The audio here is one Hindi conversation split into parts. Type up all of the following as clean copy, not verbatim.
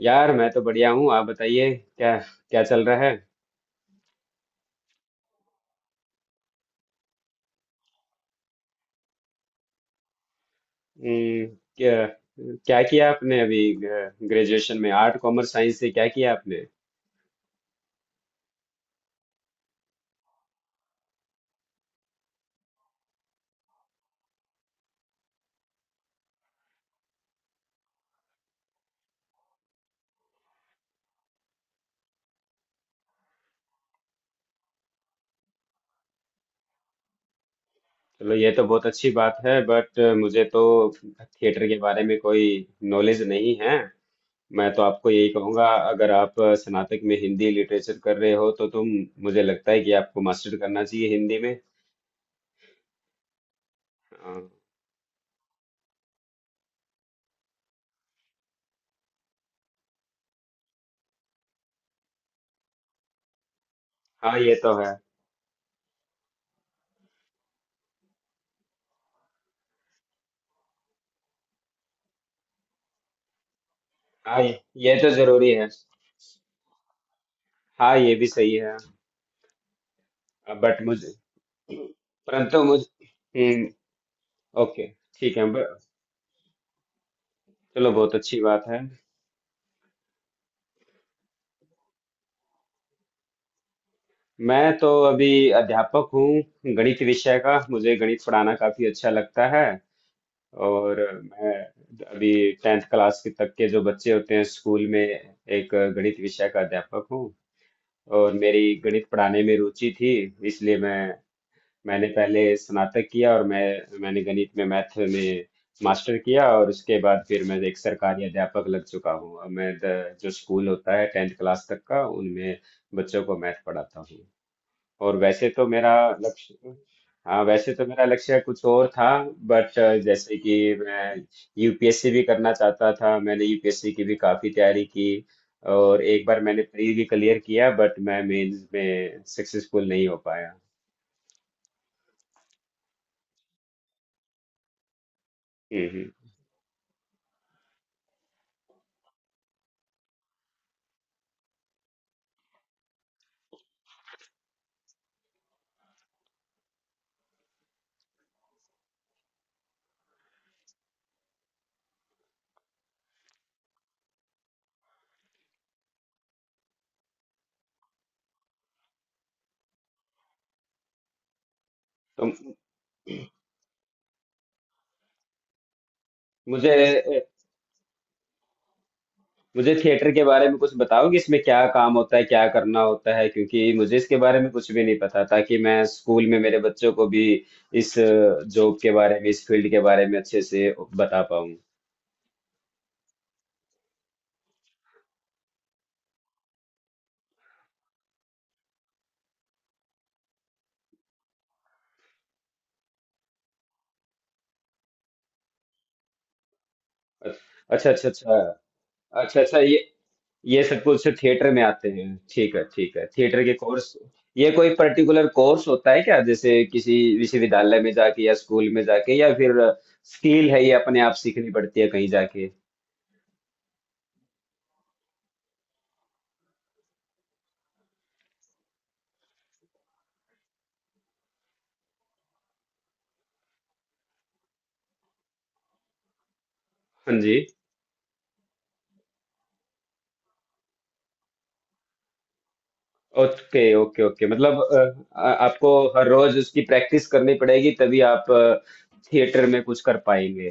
यार, मैं तो बढ़िया हूँ। आप बताइए। क्या। क्या चल रहा है? हम्म, क्या। क्या किया आपने अभी? ग्रेजुएशन में आर्ट, कॉमर्स, साइंस से क्या किया आपने? चलो, ये तो बहुत अच्छी बात है, बट मुझे तो थिएटर के बारे में कोई नॉलेज नहीं है। मैं तो आपको यही कहूँगा, अगर आप स्नातक में हिंदी लिटरेचर कर रहे हो तो तुम मुझे लगता है कि आपको मास्टर करना चाहिए हिंदी में। हाँ। हाँ, ये तो है। हाँ, ये तो जरूरी है। हाँ, ये भी सही है। बट मुझे परंतु मुझे हम्म। ओके। ठीक है, चलो, बहुत अच्छी बात है। मैं तो अभी अध्यापक हूँ गणित विषय का। मुझे गणित पढ़ाना काफी अच्छा लगता है। और मैं अभी टेंथ क्लास के तक के जो बच्चे होते हैं स्कूल में, एक गणित विषय का अध्यापक हूँ। और मेरी गणित पढ़ाने में रुचि थी, इसलिए मैंने पहले स्नातक किया, और मैंने गणित में, मैथ में, मास्टर किया। और उसके बाद फिर मैं एक सरकारी अध्यापक लग चुका हूँ। अब मैं जो स्कूल होता है टेंथ क्लास तक का, उनमें बच्चों को मैथ पढ़ाता हूँ। और वैसे तो मेरा लक्ष्य हाँ, वैसे तो मेरा लक्ष्य कुछ और था, बट जैसे कि, मैं यूपीएससी भी करना चाहता था। मैंने यूपीएससी की भी काफ़ी तैयारी की, और एक बार मैंने प्री भी क्लियर किया, बट मैं मेंस में सक्सेसफुल नहीं हो पाया। हम्म। हम्म। तो मुझे मुझे थिएटर के बारे में कुछ बताओगे, इसमें क्या काम होता है, क्या करना होता है? क्योंकि मुझे इसके बारे में कुछ भी नहीं पता, ताकि मैं स्कूल में मेरे बच्चों को भी इस जॉब के बारे में, इस फील्ड के बारे में अच्छे से बता पाऊँ। अच्छा, अच्छा, अच्छा। अच्छा, अच्छा, ये सब कुछ थिएटर में आते हैं? ठीक है, ठीक है। थिएटर के कोर्स, ये कोई पर्टिकुलर कोर्स होता है क्या, जैसे किसी विश्वविद्यालय में जाके, या स्कूल में जाके, या फिर स्किल है, ये अपने आप सीखनी पड़ती है कहीं जाके? हाँ जी। Okay, okay, okay. मतलब आपको हर रोज उसकी प्रैक्टिस करनी पड़ेगी, तभी आप थिएटर में कुछ कर पाएंगे।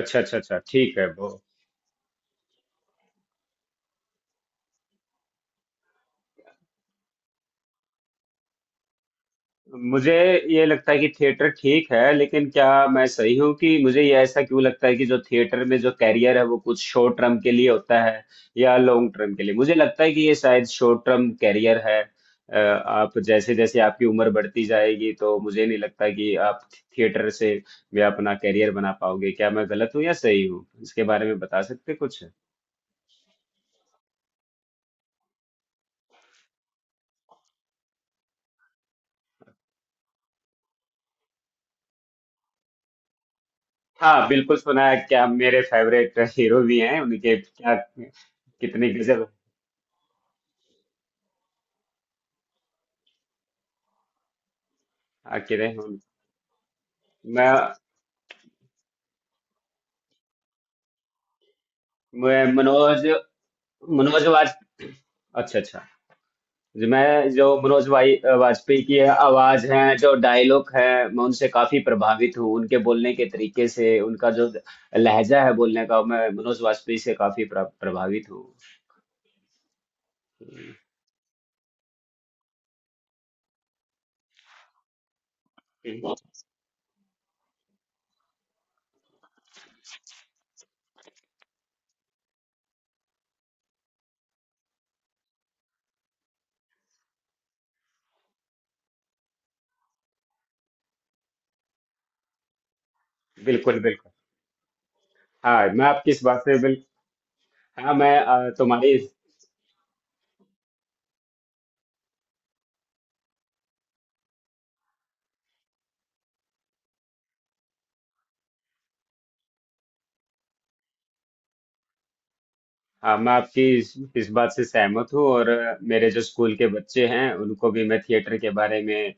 अच्छा, अच्छा, अच्छा। ठीक है, वो मुझे ये लगता है कि थिएटर ठीक है, लेकिन क्या मैं सही हूँ कि मुझे ये ऐसा क्यों लगता है कि जो थिएटर में जो कैरियर है, वो कुछ शॉर्ट टर्म के लिए होता है या लॉन्ग टर्म के लिए? मुझे लगता है कि ये शायद शॉर्ट टर्म कैरियर है। आप जैसे जैसे आपकी उम्र बढ़ती जाएगी, तो मुझे नहीं लगता कि आप थिएटर से भी अपना कैरियर बना पाओगे। क्या मैं गलत हूँ या सही हूँ? इसके बारे में बता सकते कुछ? हाँ, बिल्कुल सुना है। क्या मेरे फेवरेट हीरो भी हैं उनके? क्या, कितनी गजब! आखिर हैं उन- मैं मैं मनोज मनोज वाज अच्छा, अच्छा। जी, मैं जो मनोज भाई वाजपेयी की आवाज है, जो डायलॉग है, मैं उनसे काफी प्रभावित हूँ उनके बोलने के तरीके से। उनका जो लहजा है बोलने का, मैं मनोज वाजपेयी से काफी प्रभावित हूँ। बिल्कुल, बिल्कुल। हाँ मैं आपकी इस बात से बिल्कुल हाँ मैं अ, तुम्हारी हाँ, मैं आपकी इस बात से सहमत हूँ, और मेरे जो स्कूल के बच्चे हैं, उनको भी मैं थिएटर के बारे में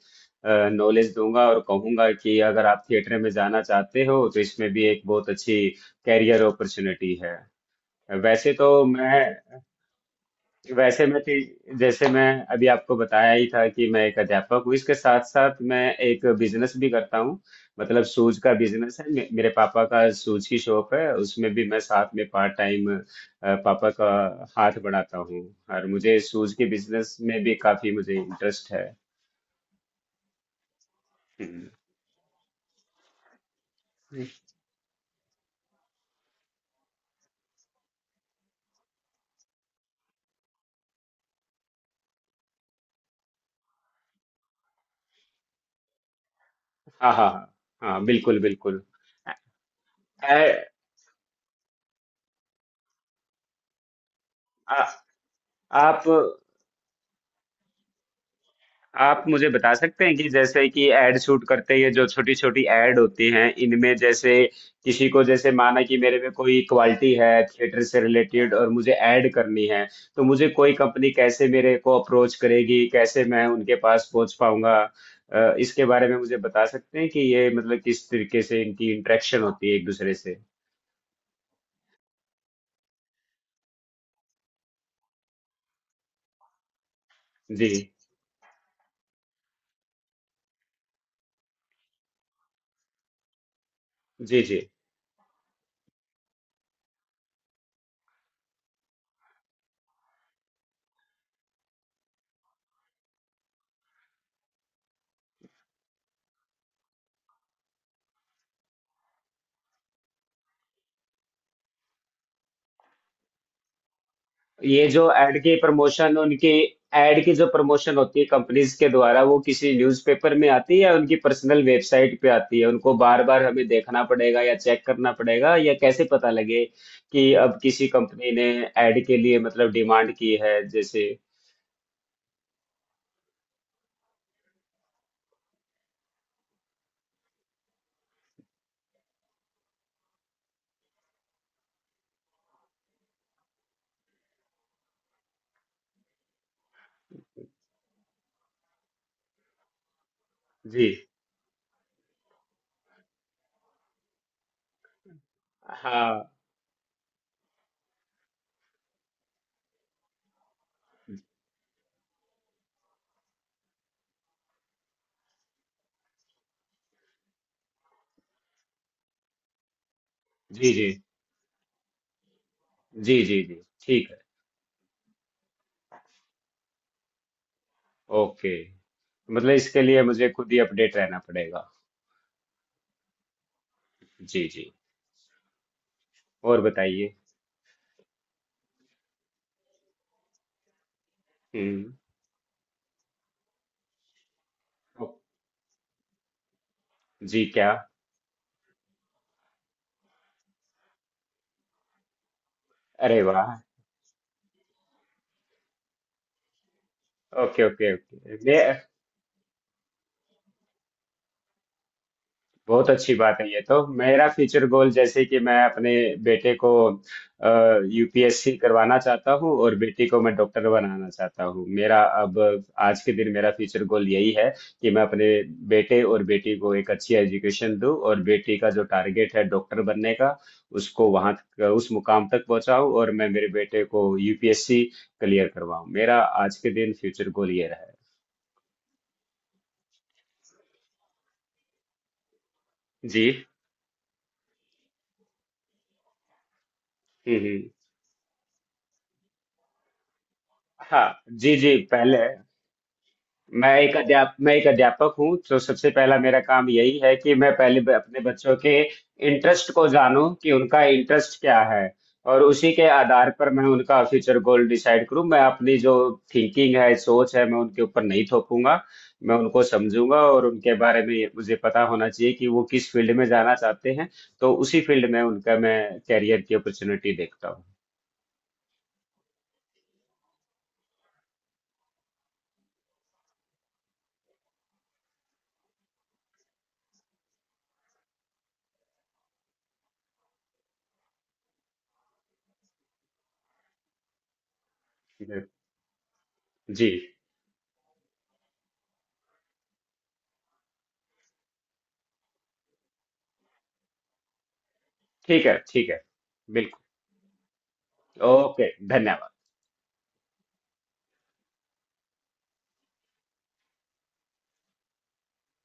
नॉलेज दूंगा और कहूंगा कि अगर आप थिएटर में जाना चाहते हो, तो इसमें भी एक बहुत अच्छी कैरियर अपॉर्चुनिटी है। वैसे तो मैं वैसे मैं टी- जैसे मैं अभी आपको बताया ही था कि मैं एक अध्यापक हूँ, इसके साथ साथ मैं एक बिजनेस भी करता हूँ। मतलब शूज का बिजनेस है, मेरे पापा का शूज की शॉप है, उसमें भी मैं साथ में पार्ट टाइम पापा का हाथ बढ़ाता हूँ। और मुझे शूज के बिजनेस में भी काफी मुझे इंटरेस्ट है। हम्म। हाँ, हाँ, हाँ। हाँ, बिल्कुल, बिल्कुल। आ, आ, आप आप मुझे बता सकते हैं कि, जैसे कि, एड शूट करते हैं, जो छोटी छोटी एड होती हैं, इनमें जैसे, किसी को जैसे, माना कि मेरे में कोई क्वालिटी है थिएटर से रिलेटेड, और मुझे ऐड करनी है, तो मुझे कोई कंपनी कैसे मेरे को अप्रोच करेगी, कैसे मैं उनके पास पहुंच पाऊंगा? इसके बारे में मुझे बता सकते हैं कि ये मतलब किस तरीके से इनकी इंटरेक्शन होती है एक दूसरे से? जी, जी, जी। ये जो एड की प्रमोशन उनकी एड की जो प्रमोशन होती है कंपनीज के द्वारा, वो किसी न्यूज़पेपर में आती है, या उनकी पर्सनल वेबसाइट पे आती है, उनको बार बार हमें देखना पड़ेगा या चेक करना पड़ेगा, या कैसे पता लगे कि अब किसी कंपनी ने एड के लिए मतलब डिमांड की है, जैसे? जी। हाँ। जी, जी, जी, जी, जी। ठीक है। ओके। मतलब इसके लिए मुझे खुद ही अपडेट रहना पड़ेगा। जी, जी। और बताइए? हम्म। ओ- जी, क्या? अरे वाह! ओके, ओके, ओके, ये बहुत अच्छी बात है। ये तो मेरा फ्यूचर गोल, जैसे कि मैं अपने बेटे को यूपीएससी करवाना चाहता हूँ, और बेटी को मैं डॉक्टर बनाना चाहता हूँ। मेरा अब आज के दिन मेरा फ्यूचर गोल यही है कि मैं अपने बेटे और बेटी को एक अच्छी एजुकेशन दूँ, और बेटी का जो टारगेट है डॉक्टर बनने का, उसको वहाँ, उस मुकाम तक पहुँचाऊँ, और मैं मेरे बेटे को यूपीएससी क्लियर करवाऊँ। मेरा आज के दिन फ्यूचर गोल ये रहा है। जी। हम्म। हाँ। जी, जी पहले, मैं एक अध्यापक हूँ, तो सबसे पहला मेरा काम यही है कि मैं पहले अपने बच्चों के इंटरेस्ट को जानूं कि उनका इंटरेस्ट क्या है, और उसी के आधार पर मैं उनका फ्यूचर गोल डिसाइड करूँ। मैं अपनी जो थिंकिंग है, सोच है, मैं उनके ऊपर नहीं थोपूंगा। मैं उनको समझूंगा, और उनके बारे में मुझे पता होना चाहिए कि वो किस फील्ड में जाना चाहते हैं, तो उसी फील्ड में उनका मैं कैरियर की अपॉर्चुनिटी देखता हूँ। जी। जी, ठीक है, ठीक है। बिल्कुल। ओके। धन्यवाद।